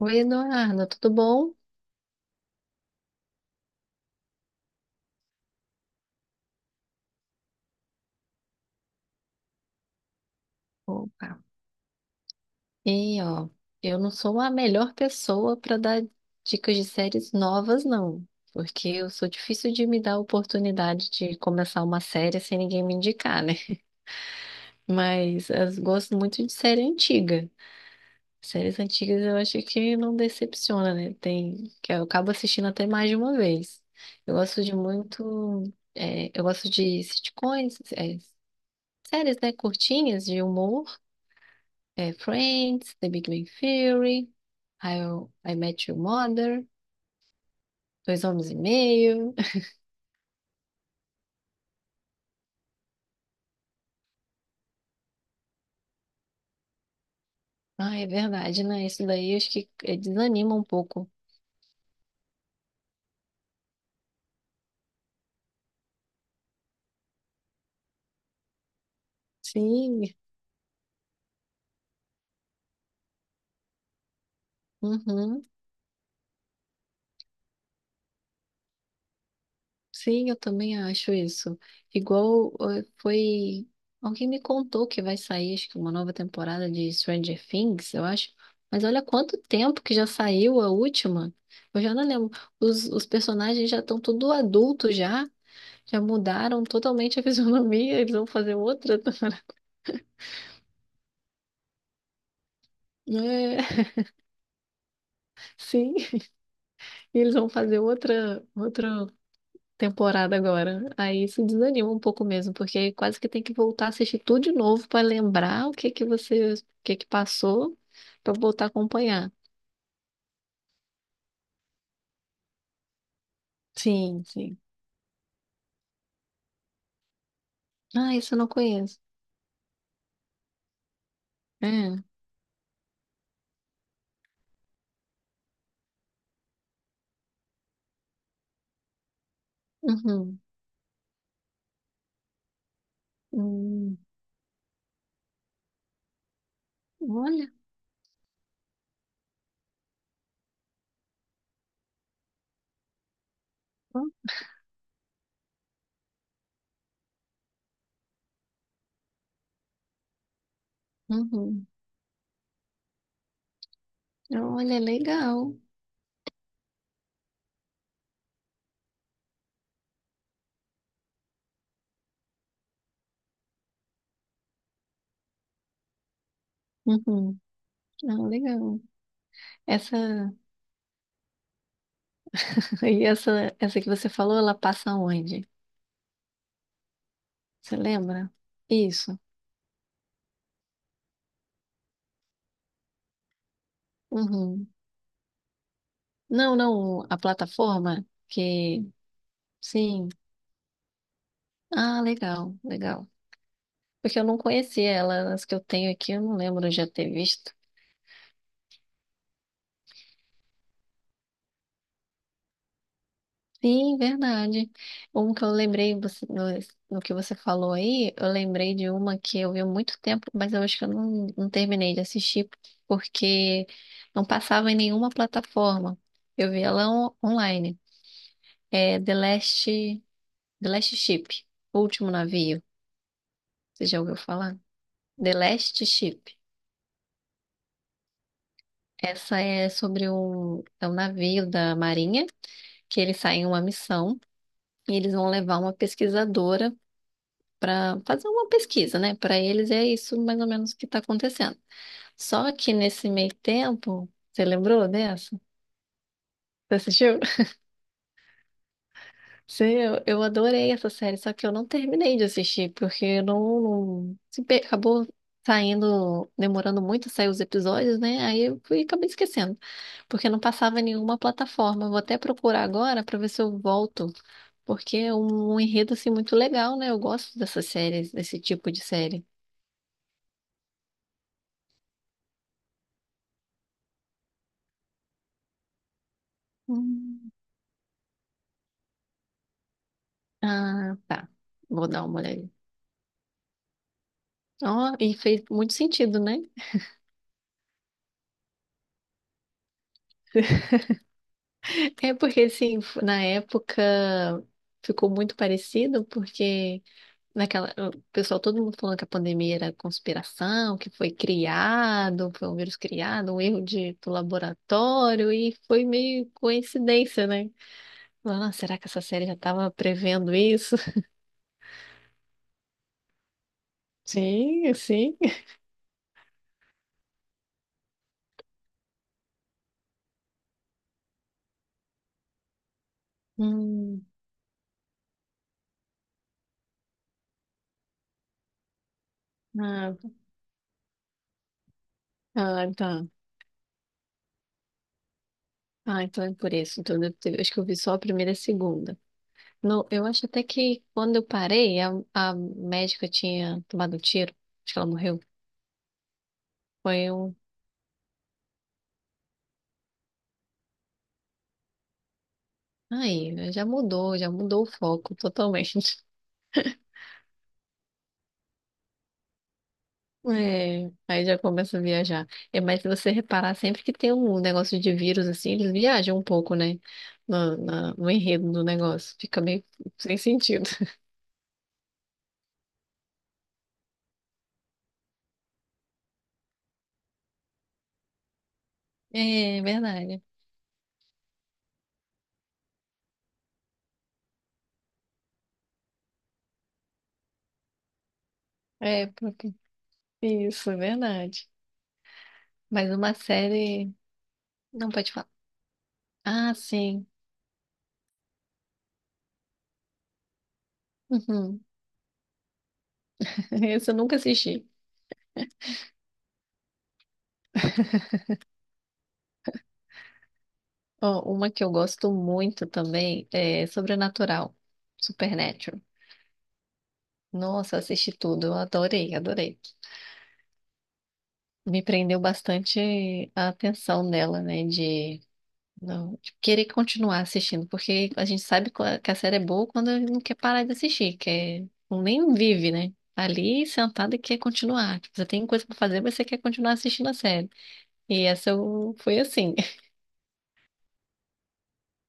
Oi, Eduardo, tudo bom? Opa. E ó, eu não sou a melhor pessoa para dar dicas de séries novas, não, porque eu sou difícil de me dar a oportunidade de começar uma série sem ninguém me indicar, né? Mas eu gosto muito de série antiga. Séries antigas eu acho que não decepciona, né? Tem que eu acabo assistindo até mais de uma vez. Eu gosto de muito, eu gosto de sitcoms, séries, né, curtinhas de humor. É, Friends, The Big Bang Theory, How I Met Your Mother, Dois Homens e Meio. Ah, é verdade, né? Isso daí acho que desanima um pouco. Sim, uhum. Sim, eu também acho isso. Igual foi. Alguém me contou que vai sair, acho que uma nova temporada de Stranger Things, eu acho. Mas olha quanto tempo que já saiu a última. Eu já não lembro. Os personagens já estão tudo adultos já. Já mudaram totalmente a fisionomia, eles vão fazer outra. É, sim, e eles vão fazer outra, outra temporada agora. Aí isso desanima um pouco mesmo, porque quase que tem que voltar a assistir tudo de novo para lembrar o que que você, o que que passou, para voltar a acompanhar. Sim, sim. Ah, isso eu não conheço. É. Uhum. Hum. Olha. Uhum. Olha, legal. Uhum. Ah, legal. Essa. E essa que você falou, ela passa onde? Você lembra? Isso. Uhum. Não, não, a plataforma que. Sim. Ah, legal, legal. Porque eu não conhecia ela, as que eu tenho aqui, eu não lembro de já ter visto. Sim, verdade. Um que eu lembrei, no, no que você falou aí, eu lembrei de uma que eu vi há muito tempo, mas eu acho que eu não terminei de assistir, porque não passava em nenhuma plataforma. Eu vi ela online. É The Last Ship, O Último Navio. Você já ouviu falar? The Last Ship. Essa é sobre é um navio da Marinha que eles saem em uma missão e eles vão levar uma pesquisadora para fazer uma pesquisa, né? Para eles é isso mais ou menos que está acontecendo. Só que nesse meio tempo, você lembrou dessa? Você assistiu? Sim, eu adorei essa série, só que eu não terminei de assistir, porque eu não, não- se pe- acabou saindo, demorando muito a sair os episódios, né? Aí eu fui, acabei esquecendo, porque não passava em nenhuma plataforma. Eu vou até procurar agora para ver se eu volto, porque é um enredo assim muito legal, né? Eu gosto dessas séries, desse tipo de série. Hum. Ah, tá. Vou dar uma olhada. Ó, e fez muito sentido, né? É porque, assim, na época ficou muito parecido, porque naquela, o pessoal, todo mundo falando que a pandemia era conspiração, que foi criado, foi um vírus criado, um erro de, do laboratório, e foi meio coincidência, né? Falando, "Ah, será que essa série já estava prevendo isso? Sim, sim. Hum, ah, ah, tá. Ah, então é por isso. Então, deve acho que eu vi só a primeira e a segunda. No, eu acho até que quando eu parei, a médica tinha tomado um tiro. Acho que ela morreu. Foi um. Aí, né, já mudou o foco totalmente. É, aí já começa a viajar. É, mas se você reparar, sempre que tem um negócio de vírus assim, eles viajam um pouco, né? No enredo do negócio. Fica meio sem sentido. É, verdade. É, porque... Isso, é verdade. Mas uma série. Não pode falar. Ah, sim. Uhum. Essa eu nunca assisti. Ó, uma que eu gosto muito também é Sobrenatural. Supernatural. Nossa, assisti tudo, eu adorei, adorei. Me prendeu bastante a atenção dela, né? De, não, de querer continuar assistindo, porque a gente sabe que a série é boa quando não quer parar de assistir, quer, nem vive, né? Tá ali sentada e quer continuar. Tipo, você tem coisa pra fazer, mas você quer continuar assistindo a série. E foi assim.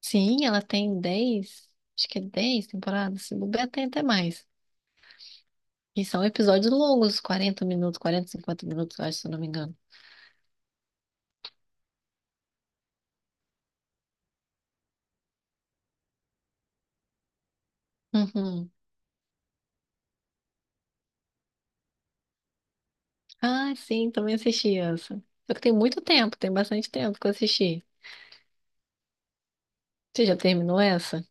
Sim, ela tem 10, acho que é 10 temporadas, se bobear tem até mais. E são episódios longos, 40 minutos, 40, 50 minutos, eu acho, se eu não me engano. Uhum. Ah, sim, também assisti essa. Só que tem muito tempo, tem bastante tempo que eu assisti. Você já terminou essa?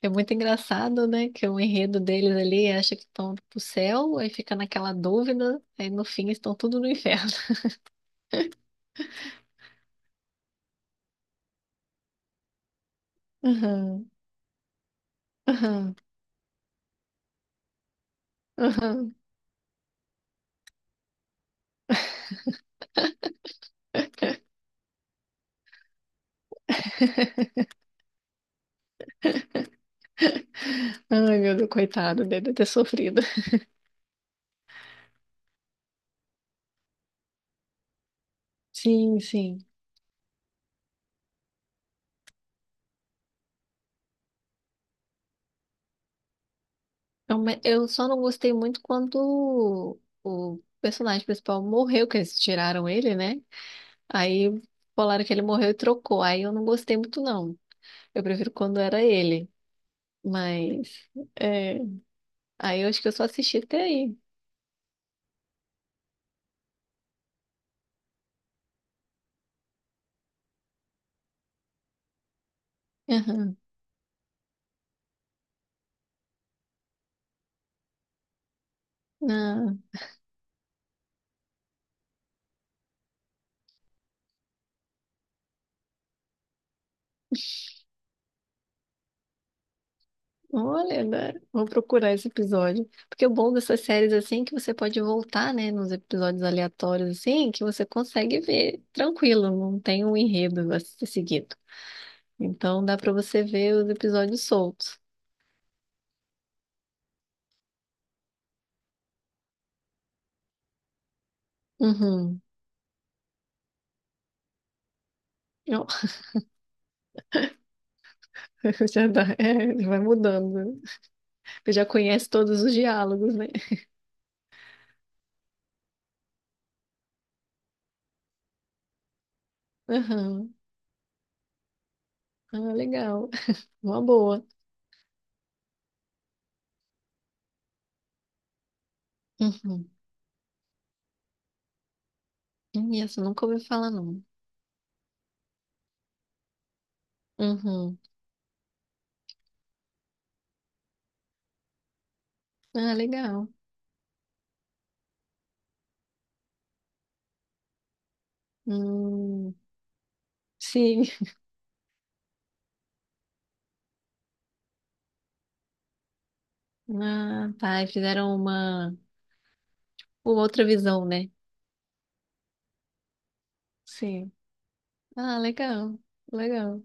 É muito engraçado, né? Que o enredo deles ali acha que estão pro céu, aí fica naquela dúvida, aí no fim estão tudo no inferno. Aham, aham, aham. Ai, meu Deus, coitado, deve ter sofrido. Sim, sim. Eu só não gostei muito quando o personagem principal morreu, que eles tiraram ele, né? Aí falaram que ele morreu e trocou. Aí eu não gostei muito, não. Eu prefiro quando era ele, mas é, aí eu acho que eu só assisti até aí. Aham. Ah, olha, agora vou procurar esse episódio. Porque o bom dessas séries assim é que você pode voltar, né, nos episódios aleatórios assim, que você consegue ver tranquilo, não tem um enredo a ser seguido. Então dá pra você ver os episódios soltos. Uhum. Ó. Já dá, é, vai mudando, né? Você já conhece todos os diálogos, né? Aham. Ah, legal. Uma boa. Uhum. Isso, nunca ouvi falar, não. Uhum. Ah, legal. Hum, sim. Ah, tá. E fizeram uma outra visão, né? Sim. Ah, legal. Legal.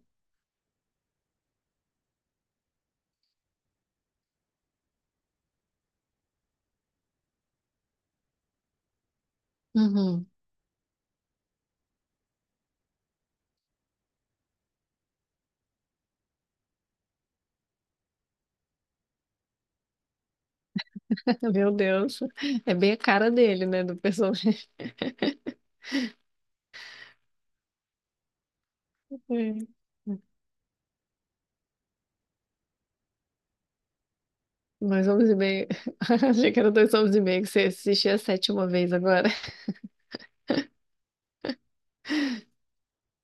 Uhum. Meu Deus. É bem a cara dele, né? Do personagem. É. Dois homens e meio. Achei que era dois homens e meio que você assistia a sétima vez agora.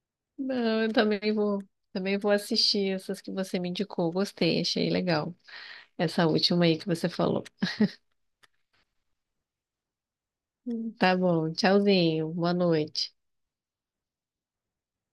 Não, eu também vou. Também vou assistir essas que você me indicou. Gostei, achei legal. Essa última aí que você falou. Tá bom, tchauzinho, boa noite.